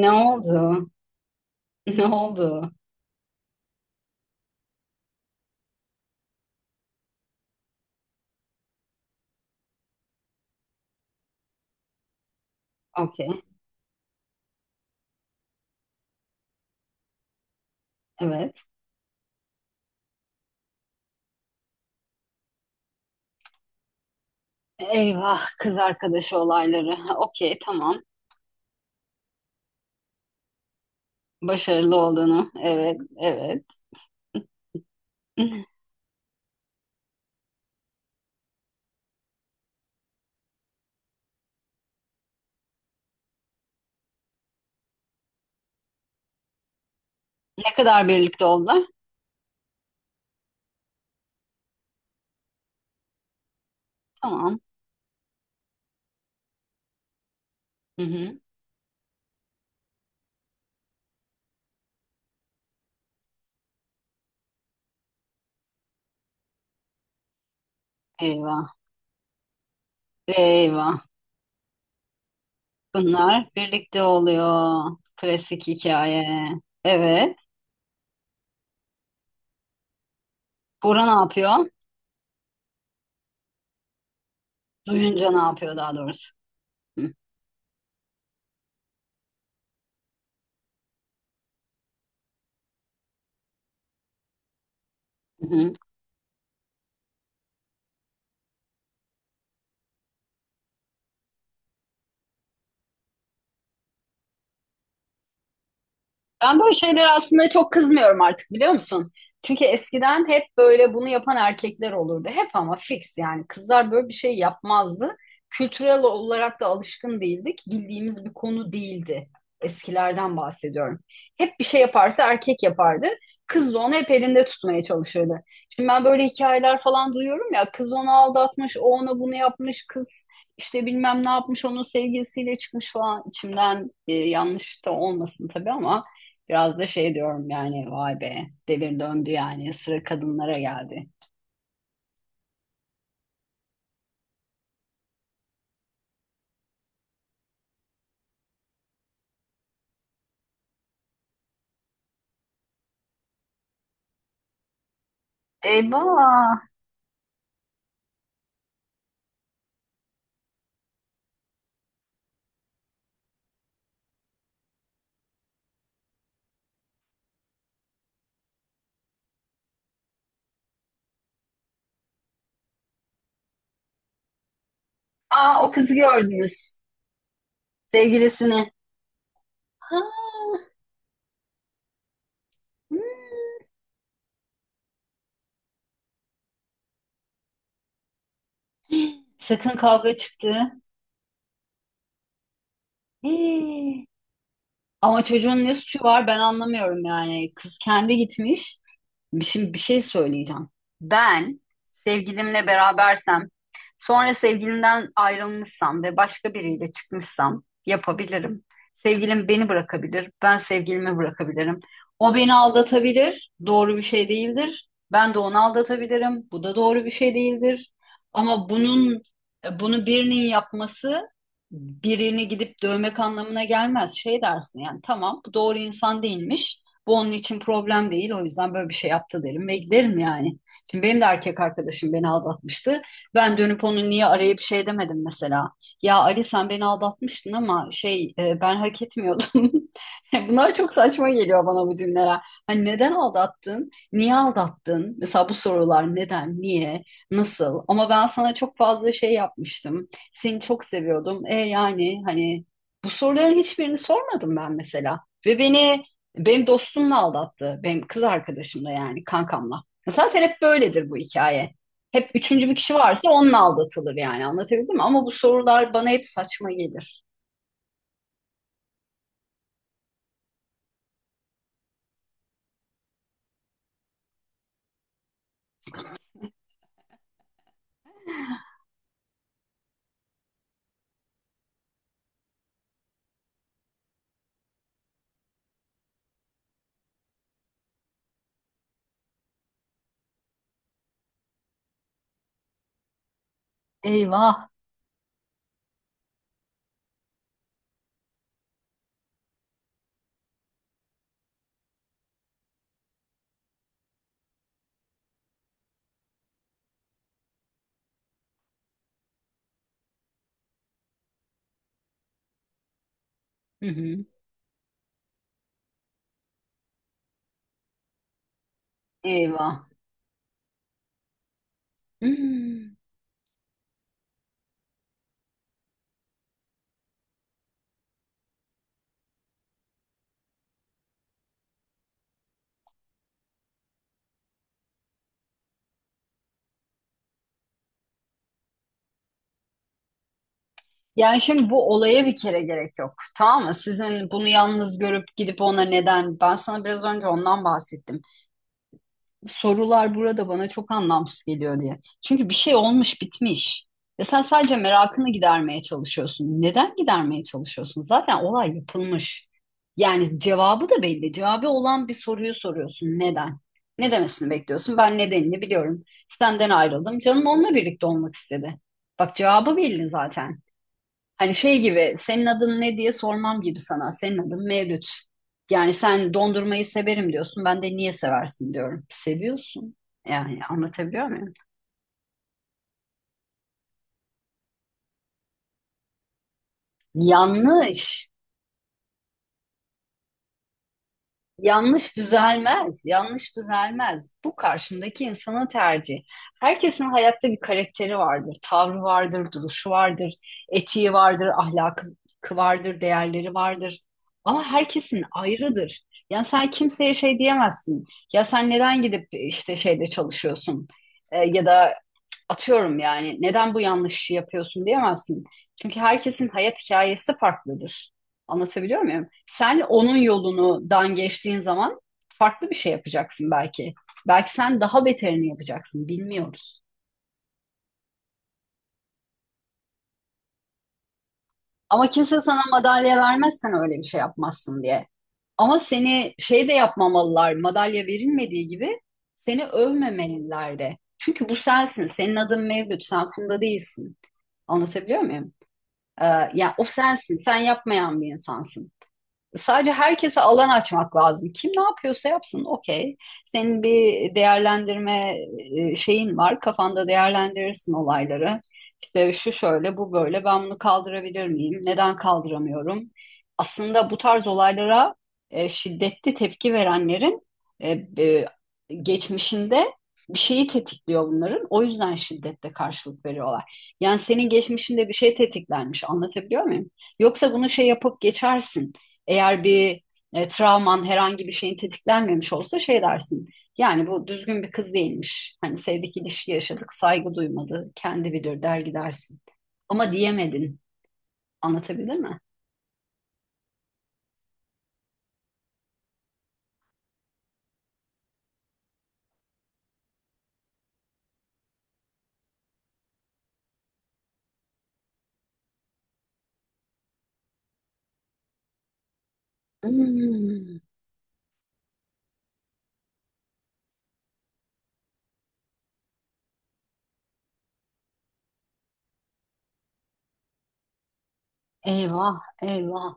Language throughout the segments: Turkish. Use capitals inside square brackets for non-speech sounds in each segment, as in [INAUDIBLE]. Ne oldu? [LAUGHS] Ne oldu? Okey, evet. Eyvah, kız arkadaşı olayları. [LAUGHS] Okey, tamam. Başarılı olduğunu. Evet, evet. [LAUGHS] Ne kadar birlikte oldular? Tamam. Hı hı. Eyvah, eyvah. Bunlar birlikte oluyor. Klasik hikaye. Evet. Bora ne yapıyor? Duyunca ne yapıyor daha doğrusu? Hı hı. Ben böyle şeylere aslında çok kızmıyorum artık biliyor musun? Çünkü eskiden hep böyle bunu yapan erkekler olurdu. Hep ama fix yani kızlar böyle bir şey yapmazdı. Kültürel olarak da alışkın değildik. Bildiğimiz bir konu değildi. Eskilerden bahsediyorum. Hep bir şey yaparsa erkek yapardı. Kız da onu hep elinde tutmaya çalışırdı. Şimdi ben böyle hikayeler falan duyuyorum ya. Kız onu aldatmış, o ona bunu yapmış. Kız işte bilmem ne yapmış, onun sevgilisiyle çıkmış falan. İçimden yanlış da olmasın tabii ama. Biraz da şey diyorum yani vay be, devir döndü yani sıra kadınlara geldi. Eyvah. Aa, o kızı gördünüz. Sevgilisini. Ha, hmm, sakın kavga çıktı. Hii. Ama çocuğun ne suçu var ben anlamıyorum yani. Kız kendi gitmiş. Şimdi bir şey söyleyeceğim. Ben sevgilimle berabersem, sonra sevgilimden ayrılmışsam ve başka biriyle çıkmışsam yapabilirim. Sevgilim beni bırakabilir, ben sevgilimi bırakabilirim. O beni aldatabilir, doğru bir şey değildir. Ben de onu aldatabilirim, bu da doğru bir şey değildir. Ama bunun birinin yapması birini gidip dövmek anlamına gelmez. Şey dersin yani tamam, bu doğru insan değilmiş. Bu onun için problem değil. O yüzden böyle bir şey yaptı derim ve giderim yani. Şimdi benim de erkek arkadaşım beni aldatmıştı. Ben dönüp onu niye arayıp şey demedim mesela. Ya Ali, sen beni aldatmıştın ama ben hak etmiyordum. [LAUGHS] Bunlar çok saçma geliyor bana bu cümleler. Hani neden aldattın? Niye aldattın? Mesela bu sorular neden, niye, nasıl? Ama ben sana çok fazla şey yapmıştım. Seni çok seviyordum. E yani hani bu soruların hiçbirini sormadım ben mesela. Ve benim dostumla aldattı. Benim kız arkadaşımla yani kankamla. Zaten hep böyledir bu hikaye. Hep üçüncü bir kişi varsa onunla aldatılır yani anlatabildim mi? Ama bu sorular bana hep saçma gelir. Eyvah. Hı hı. Eyvah. Hmm. Yani şimdi bu olaya bir kere gerek yok. Tamam mı? Sizin bunu yalnız görüp gidip ona neden? Ben sana biraz önce ondan bahsettim. Sorular burada bana çok anlamsız geliyor diye. Çünkü bir şey olmuş bitmiş. Ve sen sadece merakını gidermeye çalışıyorsun. Neden gidermeye çalışıyorsun? Zaten olay yapılmış. Yani cevabı da belli. Cevabı olan bir soruyu soruyorsun. Neden? Ne demesini bekliyorsun? Ben nedenini biliyorum. Senden ayrıldım. Canım onunla birlikte olmak istedi. Bak cevabı belli zaten. Hani şey gibi, senin adın ne diye sormam gibi sana. Senin adın Mevlüt. Yani sen dondurmayı severim diyorsun. Ben de niye seversin diyorum. Seviyorsun. Yani anlatabiliyor muyum? Yanlış. Yanlış düzelmez, yanlış düzelmez. Bu karşındaki insanın tercihi. Herkesin hayatta bir karakteri vardır, tavrı vardır, duruşu vardır, etiği vardır, ahlakı vardır, değerleri vardır. Ama herkesin ayrıdır. Yani sen kimseye şey diyemezsin. Ya sen neden gidip işte şeyde çalışıyorsun? Ya da atıyorum yani neden bu yanlışı yapıyorsun diyemezsin. Çünkü herkesin hayat hikayesi farklıdır. Anlatabiliyor muyum? Sen onun yolunu dan geçtiğin zaman farklı bir şey yapacaksın belki. Belki sen daha beterini yapacaksın, bilmiyoruz. Ama kimse sana madalya vermezsen öyle bir şey yapmazsın diye. Ama seni şey de yapmamalılar, madalya verilmediği gibi seni övmemeliler de. Çünkü bu sensin, senin adın Mevlüt, sen Funda değilsin. Anlatabiliyor muyum? Ya o sensin, sen yapmayan bir insansın. Sadece herkese alan açmak lazım. Kim ne yapıyorsa yapsın, okey. Senin bir şeyin var. Kafanda değerlendirirsin olayları. İşte şu şöyle, bu böyle. Ben bunu kaldırabilir miyim? Neden kaldıramıyorum? Aslında bu tarz olaylara şiddetli tepki verenlerin e, e, geçmişinde bir şeyi tetikliyor bunların. O yüzden şiddetle karşılık veriyorlar. Yani senin geçmişinde bir şey tetiklenmiş. Anlatabiliyor muyum? Yoksa bunu şey yapıp geçersin. Eğer bir travman herhangi bir şeyin tetiklenmemiş olsa şey dersin. Yani bu düzgün bir kız değilmiş. Hani sevdik ilişki yaşadık, saygı duymadı, kendi bilir der gidersin. Ama diyemedin. Anlatabilir mi? Hmm, eyvah, eyvah.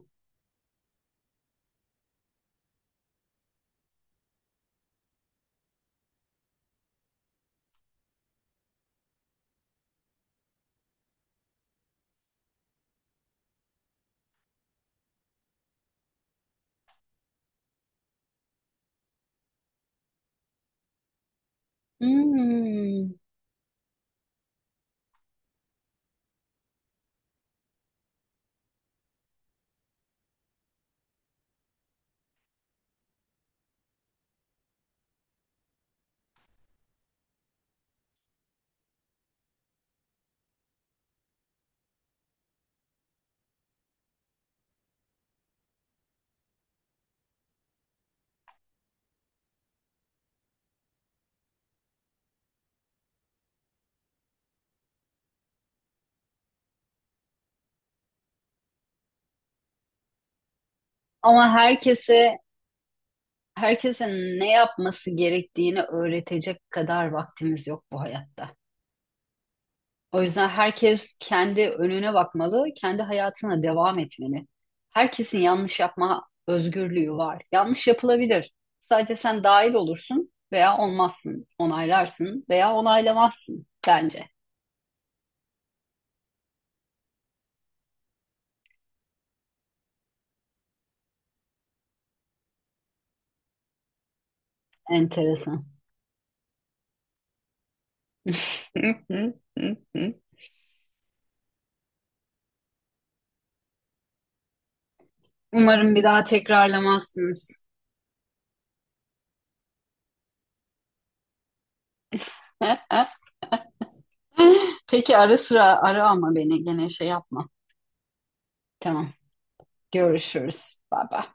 Hmm. Ama herkese ne yapması gerektiğini öğretecek kadar vaktimiz yok bu hayatta. O yüzden herkes kendi önüne bakmalı, kendi hayatına devam etmeli. Herkesin yanlış yapma özgürlüğü var. Yanlış yapılabilir. Sadece sen dahil olursun veya olmazsın, onaylarsın veya onaylamazsın bence. Enteresan. [LAUGHS] Umarım bir daha tekrarlamazsınız. [LAUGHS] Peki ara sıra ara ama beni gene şey yapma. Tamam. Görüşürüz. Bye bye.